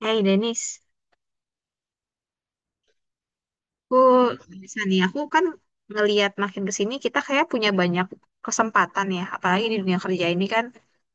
Hey Denis, aku bisa nih. Aku kan ngelihat makin ke sini kita kayak punya banyak kesempatan ya, apalagi di dunia kerja ini kan,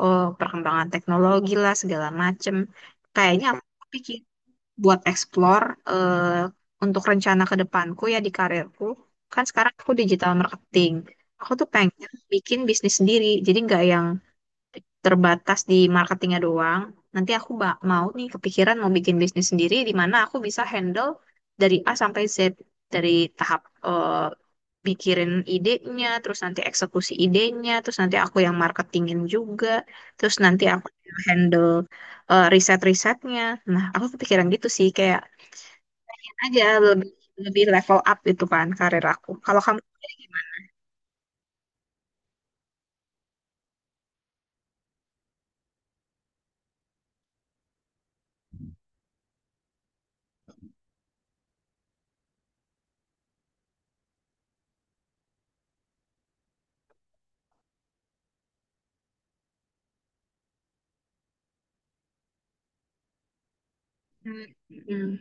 oh perkembangan teknologi lah segala macem. Kayaknya aku pikir buat explore untuk rencana ke depanku ya di karirku. Kan sekarang aku digital marketing. Aku tuh pengen bikin bisnis sendiri, jadi nggak yang terbatas di marketingnya doang. Nanti mau nih kepikiran mau bikin bisnis sendiri di mana aku bisa handle dari A sampai Z dari tahap eh, pikirin idenya, terus nanti eksekusi idenya, terus nanti aku yang marketingin juga, terus nanti aku yang handle riset-risetnya. Nah, aku kepikiran gitu sih kayak aja lebih lebih level up gitu kan karir aku. Kalau kamu. Hmm, hmm.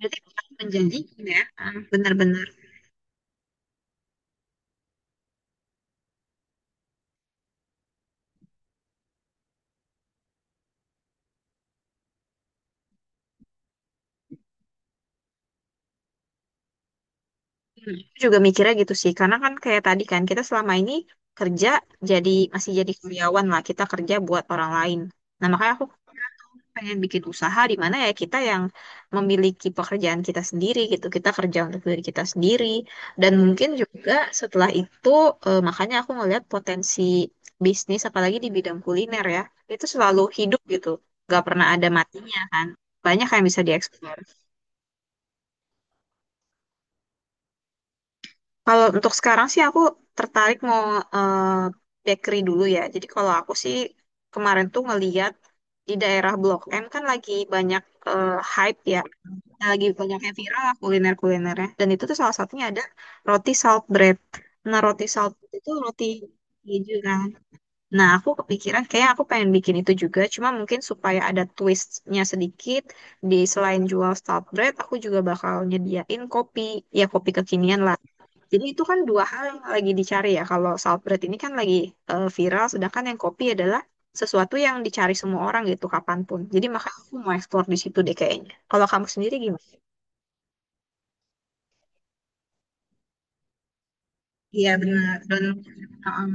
Berarti bukan menjanjikan ya, ah, benar-benar. Hmm. Juga mikirnya gitu sih karena kan kayak tadi kan kita selama ini kerja jadi masih jadi karyawan lah, kita kerja buat orang lain. Nah, makanya aku pengen bikin usaha di mana ya kita yang memiliki pekerjaan kita sendiri gitu, kita kerja untuk diri kita sendiri dan mungkin juga setelah itu makanya aku ngelihat potensi bisnis apalagi di bidang kuliner ya, itu selalu hidup gitu, gak pernah ada matinya kan, banyak yang bisa dieksplor. Kalau untuk sekarang sih aku tertarik mau eh, bakery dulu ya. Jadi kalau aku sih kemarin tuh ngeliat di daerah Blok M kan lagi banyak eh, hype ya. Nah, lagi banyak yang viral lah kuliner-kulinernya. Dan itu tuh salah satunya ada roti salt bread. Nah, roti salt bread itu roti keju kan. Nah, aku kepikiran kayak aku pengen bikin itu juga. Cuma mungkin supaya ada twistnya sedikit. Di selain jual salt bread aku juga bakal nyediain kopi. Ya, kopi kekinian lah. Jadi itu kan dua hal yang lagi dicari ya. Kalau saltbread ini kan lagi viral, sedangkan yang kopi adalah sesuatu yang dicari semua orang gitu kapanpun. Jadi makanya aku mau eksplor di situ deh kayaknya. Kalau kamu sendiri gimana? Iya benar, donat, uh,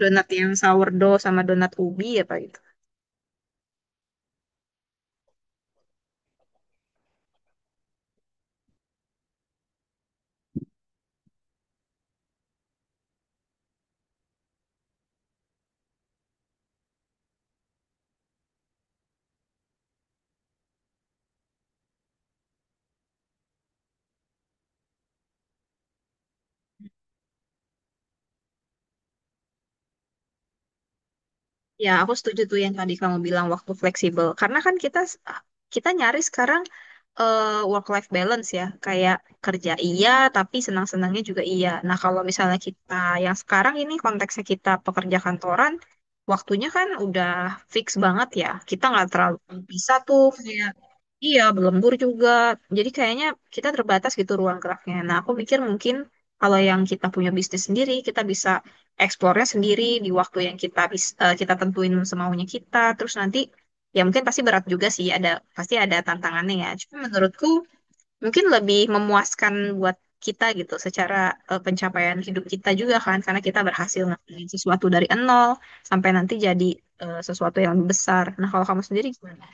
donat yang sourdough sama donat ubi apa gitu. Ya, aku setuju tuh yang tadi kamu bilang waktu fleksibel. Karena kan kita kita nyari sekarang work life balance ya, kayak kerja iya tapi senang-senangnya juga iya. Nah, kalau misalnya kita yang sekarang ini konteksnya kita pekerja kantoran, waktunya kan udah fix banget ya. Kita nggak terlalu bisa tuh kayak. Iya, berlembur juga. Jadi kayaknya kita terbatas gitu ruang geraknya. Nah, aku mikir mungkin kalau yang kita punya bisnis sendiri, kita bisa eksplornya sendiri di waktu yang eh, kita tentuin semaunya kita. Terus nanti ya mungkin pasti berat juga sih, ada pasti ada tantangannya ya. Cuma menurutku mungkin lebih memuaskan buat kita gitu secara pencapaian hidup kita juga kan karena kita berhasil ngelakuin sesuatu dari nol sampai nanti jadi sesuatu yang lebih besar. Nah, kalau kamu sendiri gimana?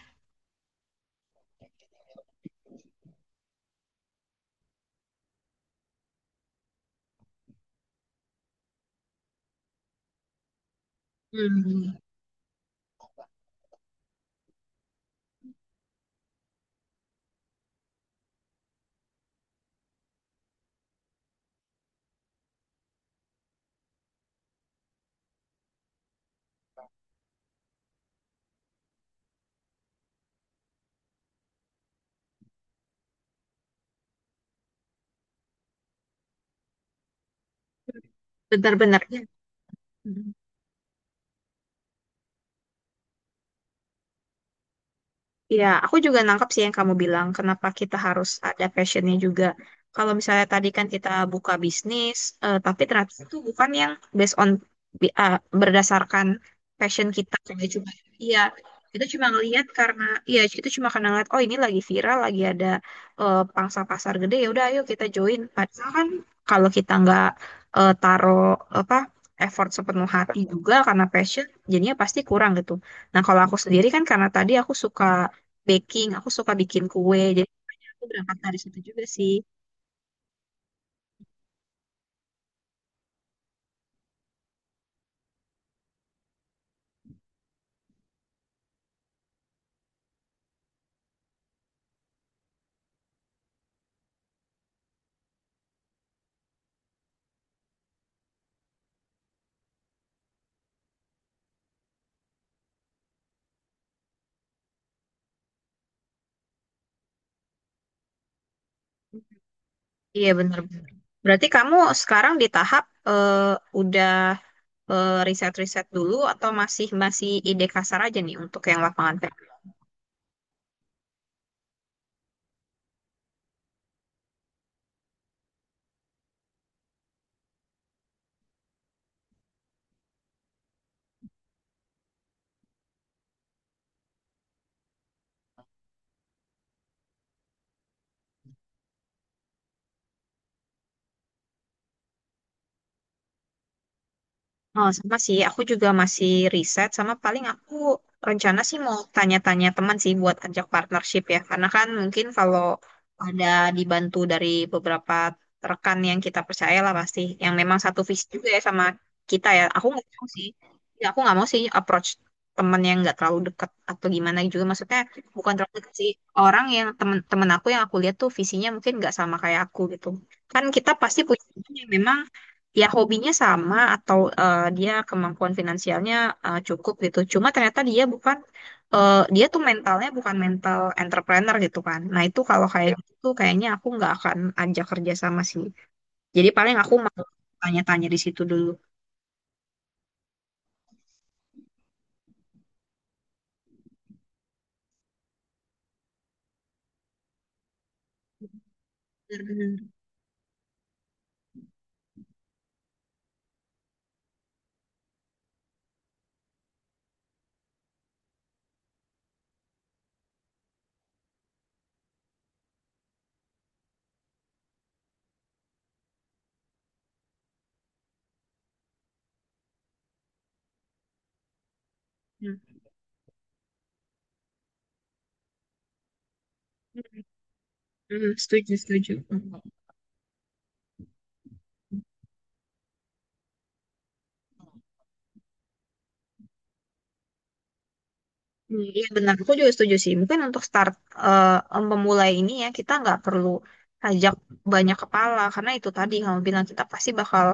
Hmm. Benar-benar ya. Mhm. Iya, aku juga nangkap sih yang kamu bilang, kenapa kita harus ada passionnya juga. Kalau misalnya tadi kan kita buka bisnis, eh, tapi ternyata itu bukan yang based on bi- ah, berdasarkan passion kita. Kayak cuma, iya, kita cuma ngelihat karena, iya itu cuma karena ngeliat, oh ini lagi viral, lagi ada pangsa pasar gede, ya udah ayo kita join. Padahal kan kalau kita nggak taruh apa effort sepenuh hati juga karena passion, jadinya pasti kurang gitu. Nah, kalau aku sendiri kan karena tadi aku suka baking. Aku suka bikin kue. Jadi aku berangkat dari situ juga sih. Iya benar-benar. Berarti kamu sekarang di tahap eh, udah riset-riset dulu atau masih masih ide kasar aja nih untuk yang lapangan. Oh, sama sih. Aku juga masih riset sama paling aku rencana sih mau tanya-tanya teman sih buat ajak partnership ya. Karena kan mungkin kalau ada dibantu dari beberapa rekan yang kita percaya lah pasti. Yang memang satu visi juga ya sama kita ya. Aku nggak mau sih. Ya, aku nggak mau sih approach teman yang nggak terlalu dekat atau gimana juga. Maksudnya bukan terlalu dekat sih. Orang yang teman-teman aku yang aku lihat tuh visinya mungkin nggak sama kayak aku gitu. Kan kita pasti punya teman yang memang ya hobinya sama atau eh, dia kemampuan finansialnya cukup gitu. Cuma ternyata dia bukan dia tuh mentalnya bukan mental entrepreneur gitu kan. Nah itu kalau kayak ya gitu, kayaknya aku nggak akan ajak kerja sama sih. Jadi paling aku mau tanya-tanya di situ dulu. Benar-benar. Hmm. Hmm, setuju, setuju. Mm. Hmm, iya benar, aku juga setuju sih. Mungkin untuk start memulai ini ya kita nggak perlu ajak banyak kepala karena itu tadi kamu bilang kita pasti bakal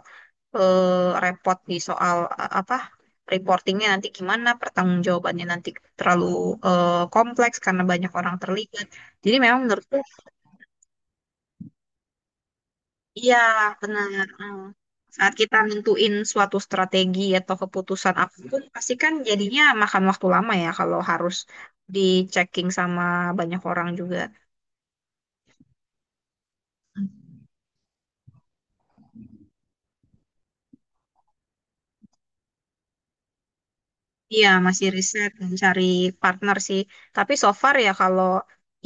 repot di soal apa reportingnya nanti gimana, pertanggungjawabannya nanti terlalu kompleks karena banyak orang terlibat. Jadi memang menurutku iya benar. Mm. Saat kita nentuin suatu strategi atau keputusan apapun, pasti kan jadinya makan waktu lama ya kalau harus di checking sama banyak orang juga. Iya, masih riset dan cari partner sih. Tapi so far ya kalau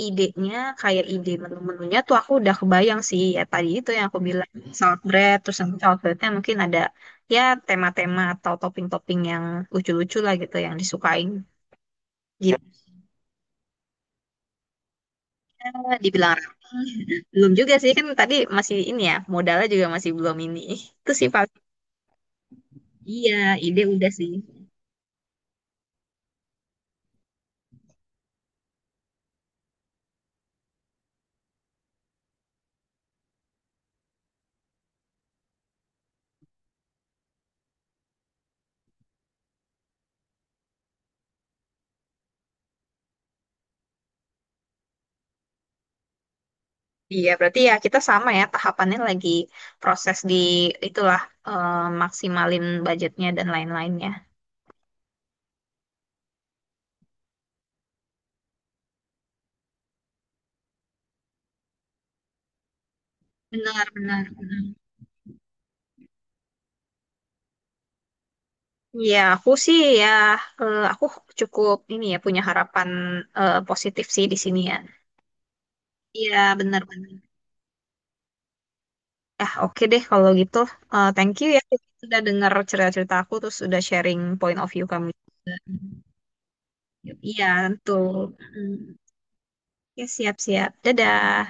idenya kayak ide menu-menunya tuh aku udah kebayang sih. Ya tadi itu yang aku bilang salad bread, terus nanti salad breadnya mungkin ada ya tema-tema atau topping-topping yang lucu-lucu lah gitu yang disukain. Gitu dibilang rapi. Belum juga sih kan tadi masih ini ya modalnya juga masih belum ini. Itu sih paling iya ide udah sih. Iya, berarti ya kita sama ya tahapannya lagi proses di itulah eh, maksimalin budgetnya dan lain-lainnya. Benar, benar, benar. Iya, aku sih ya aku cukup ini ya punya harapan positif sih di sini ya. Iya, benar, benar. Ah, oke deh kalau gitu. Eh, thank you ya sudah dengar cerita-cerita aku terus sudah sharing point of view kamu. Juga. Iya, tentu. Mm. Oke, siap-siap. Dadah.